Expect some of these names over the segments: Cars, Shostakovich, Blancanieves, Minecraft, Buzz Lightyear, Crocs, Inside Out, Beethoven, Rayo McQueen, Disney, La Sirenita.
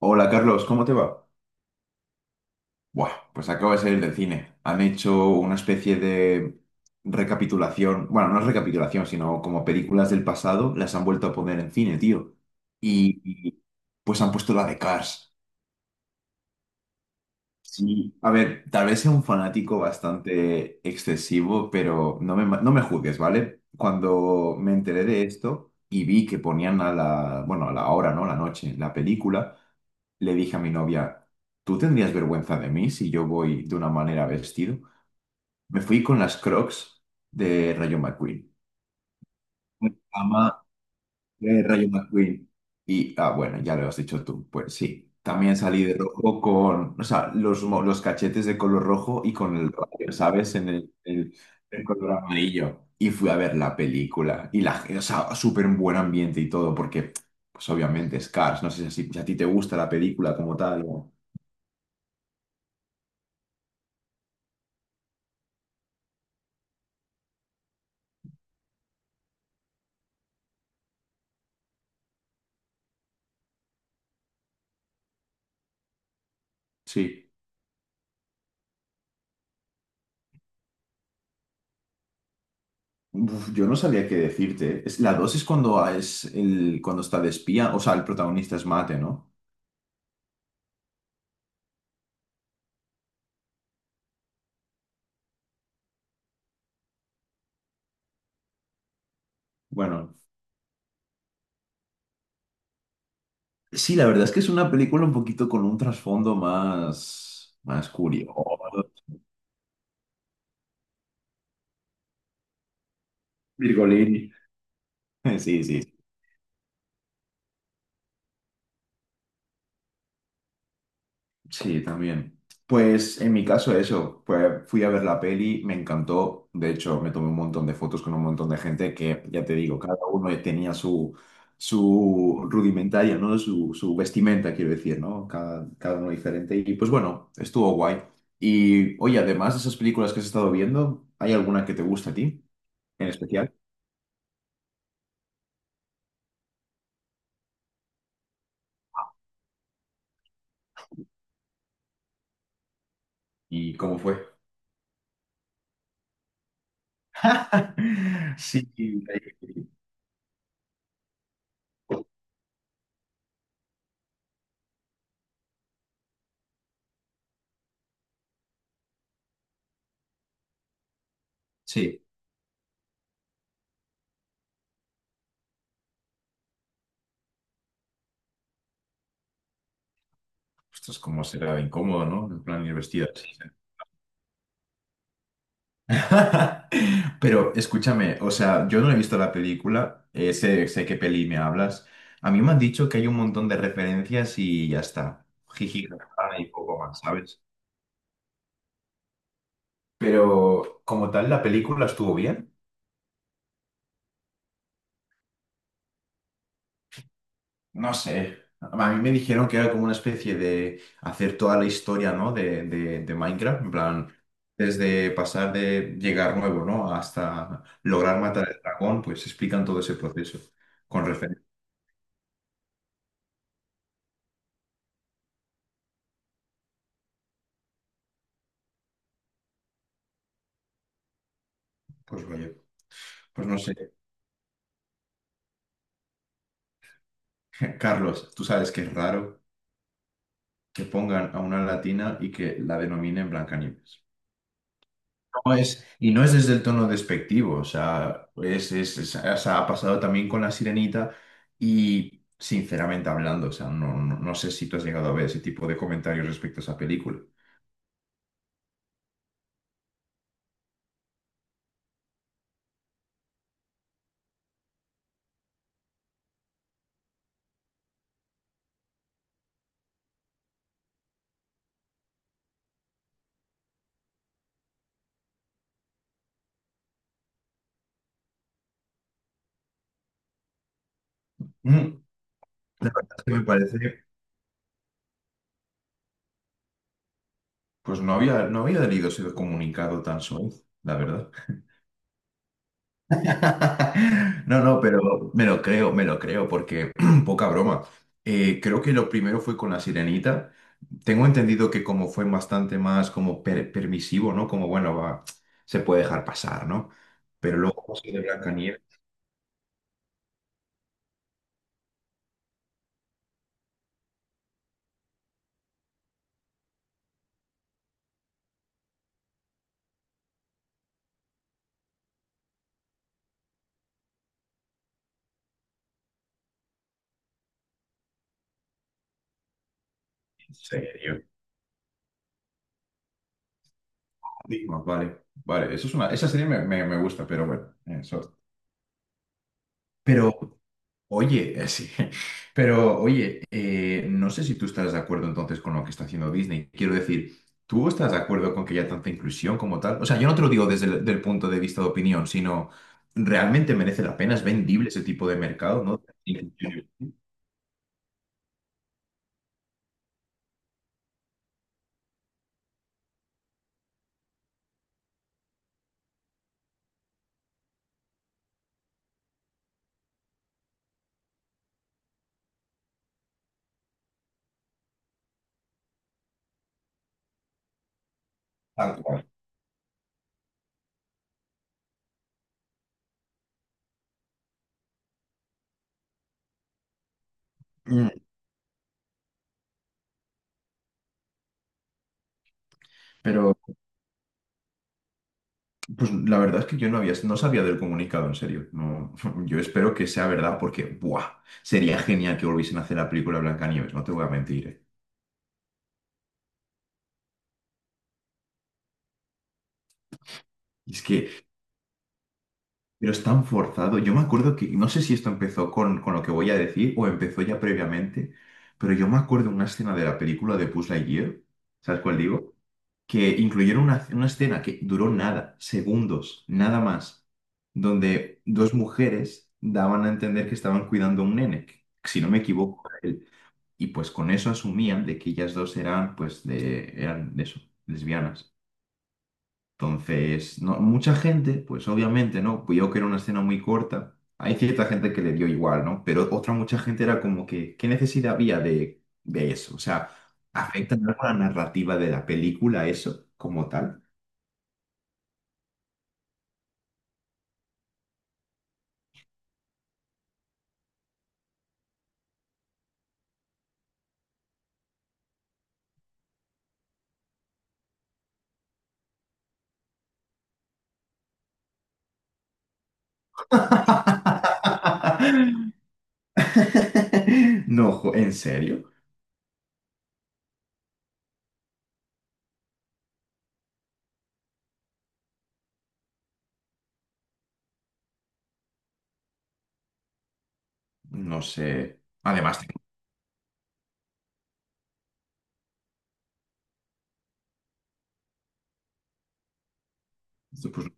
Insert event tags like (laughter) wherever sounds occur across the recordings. Hola Carlos, ¿cómo te va? Buah, pues acabo de salir del cine. Han hecho una especie de recapitulación, bueno, no es recapitulación, sino como películas del pasado, las han vuelto a poner en cine, tío. Y, y, pues han puesto la de Cars. Sí, a ver, tal vez sea un fanático bastante excesivo, pero no me juzgues, ¿vale? Cuando me enteré de esto y vi que ponían a la, bueno, a la hora, ¿no? La noche, la película, le dije a mi novia, ¿tú tendrías vergüenza de mí si yo voy de una manera vestido? Me fui con las Crocs de Rayo McQueen. Ama Rayo McQueen. Y, ah, bueno, ya lo has dicho tú. Pues sí, también salí de rojo con, o sea, los, los cachetes de color rojo y con el rayo, ¿sabes? En el color amarillo. Y fui a ver la película. Y o sea, súper en buen ambiente y todo, porque, pues obviamente, Scars no sé si a ti te gusta la película como tal. O- Sí. Uf, yo no sabía qué decirte. Es, la dos es cuando es el, cuando está de espía, o sea, el protagonista es Mate, ¿no? Bueno. Sí, la verdad es que es una película un poquito con un trasfondo más, más curioso. Virgolini. (laughs) Sí, sí. Sí, también. Pues en mi caso eso, pues fui a ver la peli, me encantó, de hecho me tomé un montón de fotos con un montón de gente que, ya te digo, cada uno tenía su, su rudimentaria, ¿no? Su vestimenta, quiero decir, ¿no? Cada, cada uno diferente y pues bueno, estuvo guay. Y oye, además de esas películas que has estado viendo, ¿hay alguna que te gusta a ti en especial? ¿Y cómo fue? (laughs) Sí, sí. Esto es como será incómodo, ¿no? En plan ir vestida. Así, ¿eh? (laughs) Pero escúchame, o sea, yo no he visto la película, sé, sé qué peli me hablas. A mí me han dicho que hay un montón de referencias y ya está. Jiji, jaja, y poco más, ¿sabes? Pero como tal, la película estuvo bien. No sé, a mí me dijeron que era como una especie de hacer toda la historia, ¿no? de, de Minecraft, en plan, desde pasar de llegar nuevo, ¿no? Hasta lograr matar al dragón, pues explican todo ese proceso con referencia. Pues vaya, pues no sé, (laughs) Carlos, tú sabes que es raro que pongan a una latina y que la denominen Blancanieves. No y no es desde el tono despectivo, o sea, o sea, ha pasado también con La Sirenita y, sinceramente hablando, o sea, no sé si tú has llegado a ver ese tipo de comentarios respecto a esa película. Mm, la verdad es que me parece, pues no había leído ese comunicado tan suave, la verdad. (laughs) No, no, pero me lo creo, porque (clears throat) poca broma. Creo que lo primero fue con la sirenita. Tengo entendido que como fue bastante más como permisivo, ¿no? Como, bueno, va, se puede dejar pasar, ¿no? Pero luego como de Blancanieves, en serio. Digo, vale, vale, eso es una, esa serie me gusta, pero bueno, eso. Oye, sí, (laughs) pero oye, no sé si tú estás de acuerdo entonces con lo que está haciendo Disney. Quiero decir, ¿tú estás de acuerdo con que haya tanta inclusión como tal? O sea, yo no te lo digo desde el del punto de vista de opinión, sino realmente merece la pena, es vendible ese tipo de mercado, ¿no? (laughs) Inclusión. Tal cual. Mm, pero pues la verdad es que yo no sabía del comunicado, en serio. No, (laughs) yo espero que sea verdad porque, ¡buah! Sería genial que volviesen a hacer la película de Blancanieves, no te voy a mentir, ¿eh? Es que pero es tan forzado. Yo me acuerdo que, no sé si esto empezó con lo que voy a decir o empezó ya previamente, pero yo me acuerdo una escena de la película de Buzz Lightyear, ¿sabes cuál digo? Que incluyeron una escena que duró nada, segundos, nada más, donde dos mujeres daban a entender que estaban cuidando a un nene, que, si no me equivoco, era él. Y pues con eso asumían de que ellas dos eran, pues, de, eran de eso, lesbianas. Entonces, no, mucha gente, pues obviamente, ¿no? Vio que era una escena muy corta. Hay cierta gente que le dio igual, ¿no? Pero otra mucha gente era como que, ¿qué necesidad había de eso? O sea, ¿afecta en algo la narrativa de la película eso como tal? (laughs) No, jo- ¿en serio? No sé. Además, tengo- pues,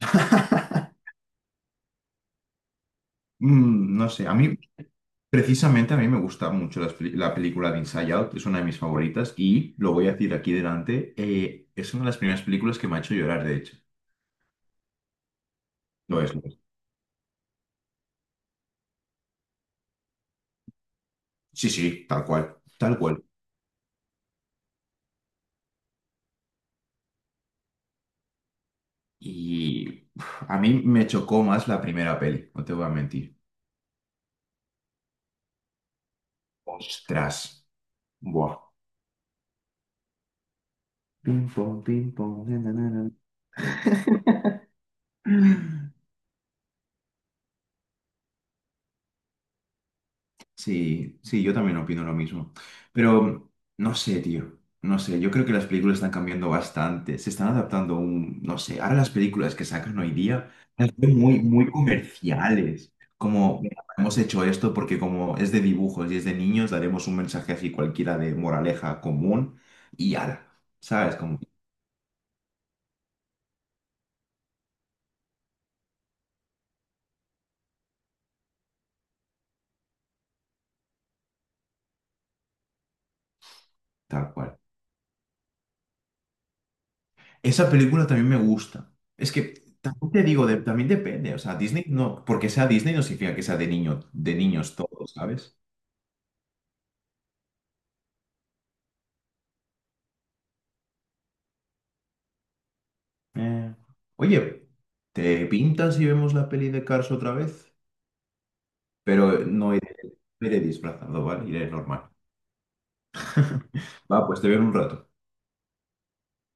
(laughs) mm, no sé, a mí precisamente a mí me gusta mucho las película de Inside Out, es una de mis favoritas y lo voy a decir aquí delante, es una de las primeras películas que me ha hecho llorar, de hecho. Lo es. Lo es. Sí, sí, tal cual, tal cual. Y uf, a mí me chocó más la primera peli, no te voy a mentir. Ostras. Buah. Pim, pom, na, na, na, na. Sí, sí, yo también opino lo mismo. Pero no sé, tío. No sé, yo creo que las películas están cambiando bastante. Se están adaptando a un, no sé, ahora las películas que sacan hoy día las veo muy, muy comerciales. Como "Mira, hemos hecho esto porque como es de dibujos y es de niños, daremos un mensaje así cualquiera de moraleja común y ala, ¿sabes? Como tal cual. Esa película también me gusta. Es que también te digo, de- también depende. O sea, Disney no, porque sea Disney no significa que sea de niño, de niños todos, ¿sabes? Eh, Oye, ¿te pintas y vemos la peli de Cars otra vez? Pero no iré, no iré disfrazado, ¿vale? Iré normal. Va, pues te veo en un rato.